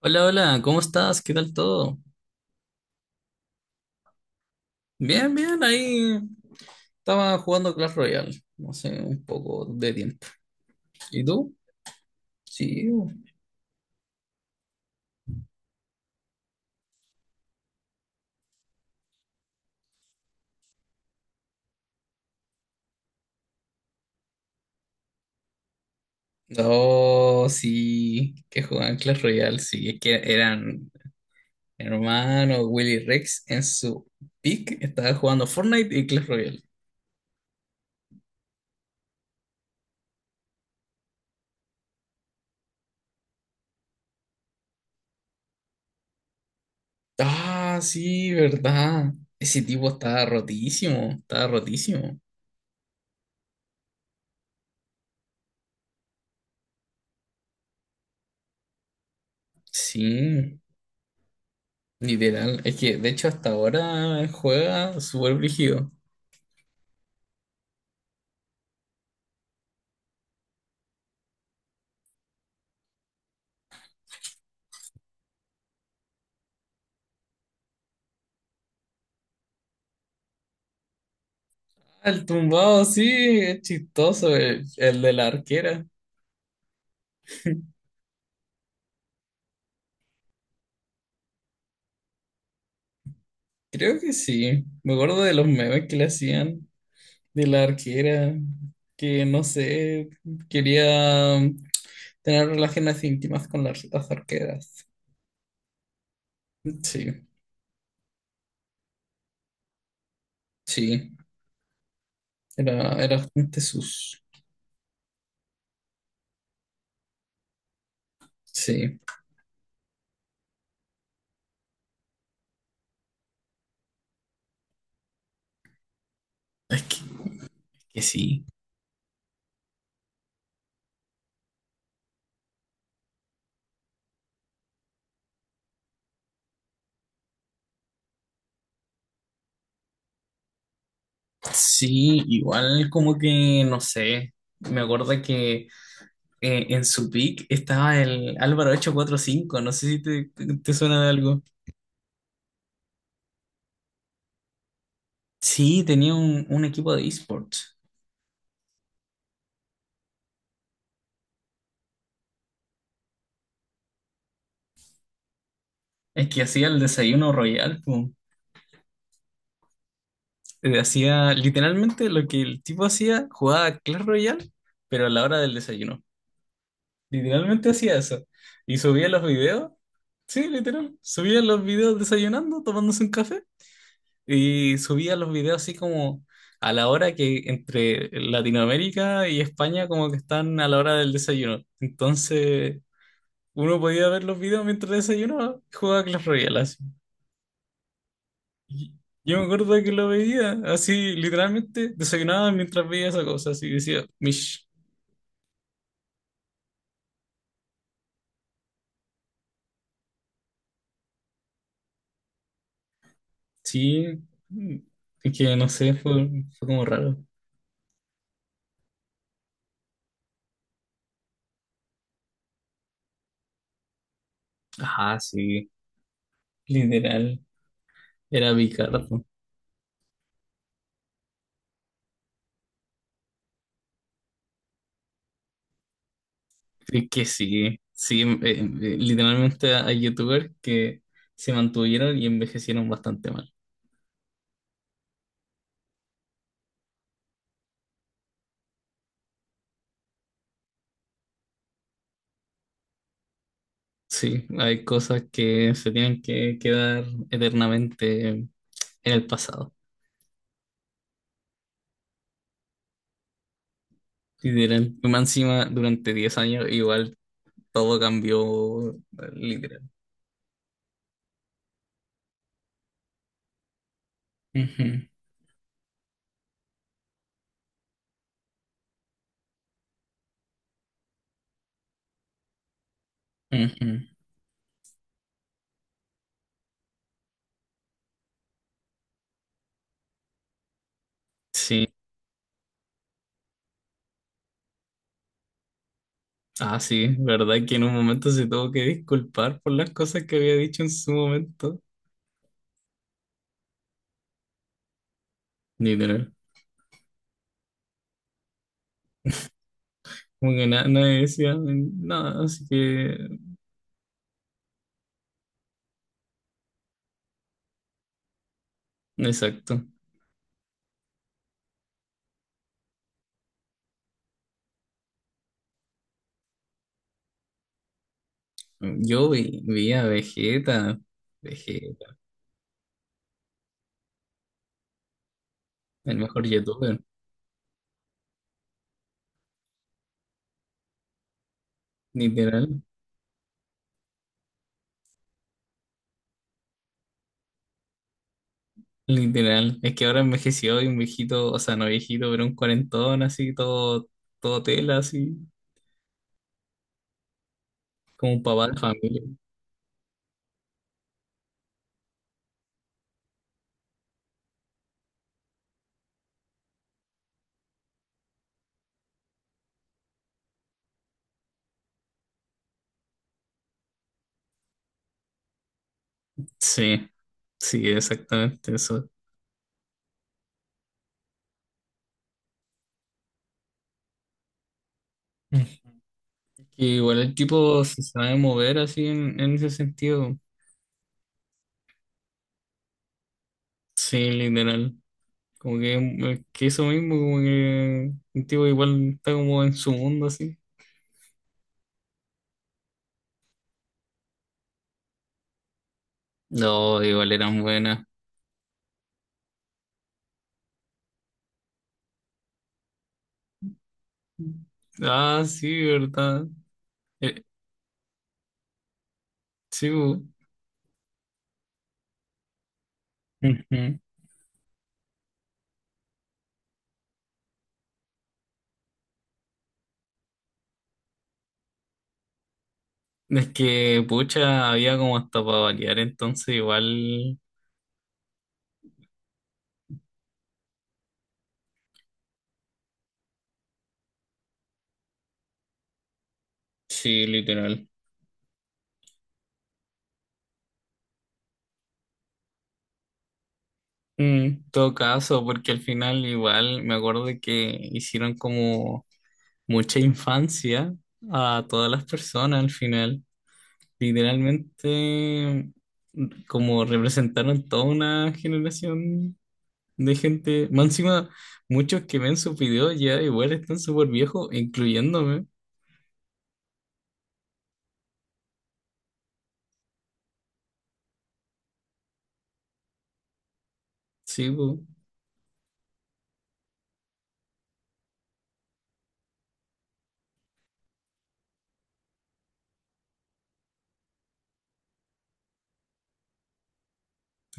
Hola, hola, ¿cómo estás? ¿Qué tal todo? Bien, bien, ahí estaba jugando Clash Royale, no sé, un poco de tiempo. ¿Y tú? Sí. Oh, sí, que jugaban Clash Royale, sí, es que eran hermano Willy Rex en su pick, estaba jugando Fortnite y Clash Royale. Ah, sí, verdad. Ese tipo estaba rotísimo, estaba rotísimo. Sí, literal. Es que de hecho hasta ahora juega súper brígido. El tumbado, sí, es chistoso, el de la arquera. Creo que sí. Me acuerdo de los memes que le hacían de la arquera, que no sé, quería tener relaciones íntimas con las arqueras. Sí, sí, era, era bastante sus. Sí, es que sí. Sí, igual como que, no sé, me acuerdo que en su pick estaba el Álvaro 845, no sé si te, te suena de algo. Sí, tenía un equipo de esports. Es que hacía el desayuno royal, po. Hacía literalmente lo que el tipo hacía, jugaba Clash Royale, pero a la hora del desayuno. Literalmente hacía eso. Y subía los videos. Sí, literal. Subía los videos desayunando, tomándose un café. Y subía los videos así como a la hora que entre Latinoamérica y España como que están a la hora del desayuno. Entonces, uno podía ver los videos mientras desayunaba y jugaba Clash Royale así. Y- Yo me acuerdo que lo veía, así literalmente desayunaba mientras veía esa cosa, así decía, Mish, sí, mm, es que no sé, fue como raro. Ajá, sí, literal, era Bicardo. Es que sí, sí, literalmente hay youtubers que se mantuvieron y envejecieron bastante mal. Sí, hay cosas que se tienen que quedar eternamente en el pasado. Literal. Y más encima durante 10 años igual todo cambió, literal. Ujú, ujú. Sí, ah, sí, verdad que en un momento se tuvo que disculpar por las cosas que había dicho en su momento. Literal. Como que nadie decía nada, así que. Exacto. Yo vi, vi a Vegeta, Vegeta, el mejor youtuber. Literal, literal. Es que ahora envejeció y un viejito, o sea, no viejito, pero un cuarentón así, todo, todo tela, así, como un papá de familia. Sí. Sí, exactamente eso. Mm. Que igual el tipo se sabe mover así en ese sentido. Sí, literal. Como que eso mismo, como que el tipo igual está como en su mundo así. No, igual eran buenas. Ah, sí, verdad. Eh, sí, bu. Ujú. Es que, pucha, había como hasta para variar, entonces igual, sí, literal. Mm, en todo caso, porque al final igual me acuerdo que hicieron como mucha infancia a todas las personas al final. Literalmente, como representaron toda una generación de gente. Más encima, muchos que ven sus videos ya igual están súper viejos, incluyéndome. Sí, po.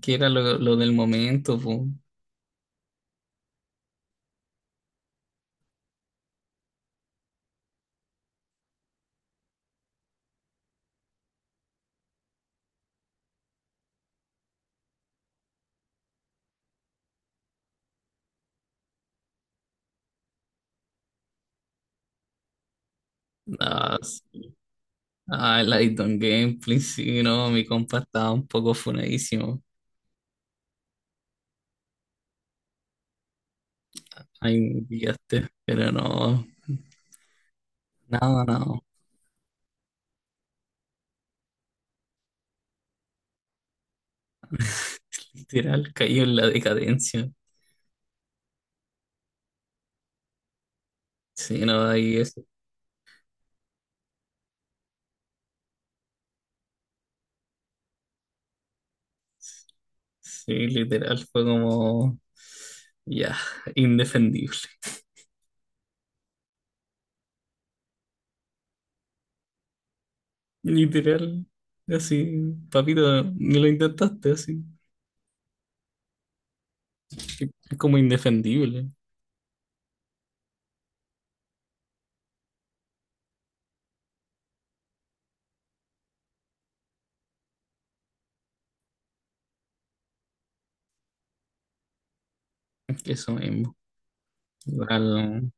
Que era lo del momento, po. Ah, s- el I Don't Gameplay, sí, no, mi compa estaba un poco funadísimo. Ay, me pillaste, pero no. Nada, nada. Literal, cayó en la decadencia. Sí, no, ahí eso. Sí, literal, fue como, ya, indefendible. Literal, así, papito, ni lo intentaste, así. Es como indefendible, eso mismo. Igual,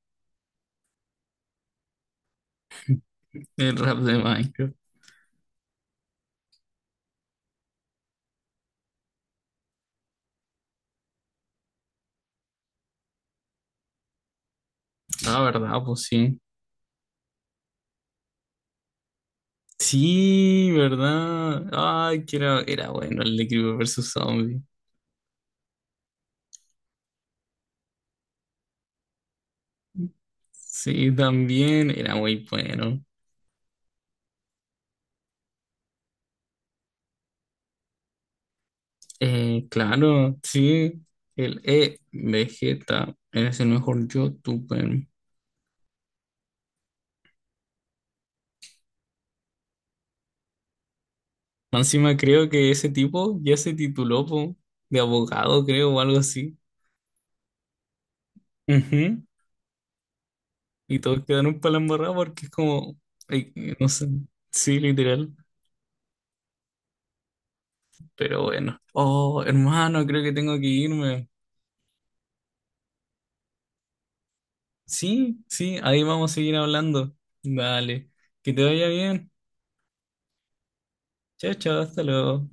el rap de Minecraft. Ah, verdad, pues sí. Sí, verdad. Ay, que era, era bueno el de Creeper versus Zombie. Sí, también era muy bueno. Claro, sí, el E Vegeta es el mejor youtuber. Más encima creo que ese tipo ya se tituló po, de abogado, creo, o algo así. Ujú. Y todos quedaron para la embarrada porque es como, ay, no sé, sí, literal. Pero bueno. Oh, hermano, creo que tengo que irme. Sí, sí, ahí vamos a seguir hablando. Vale, que te vaya bien. Chao, chao, hasta luego.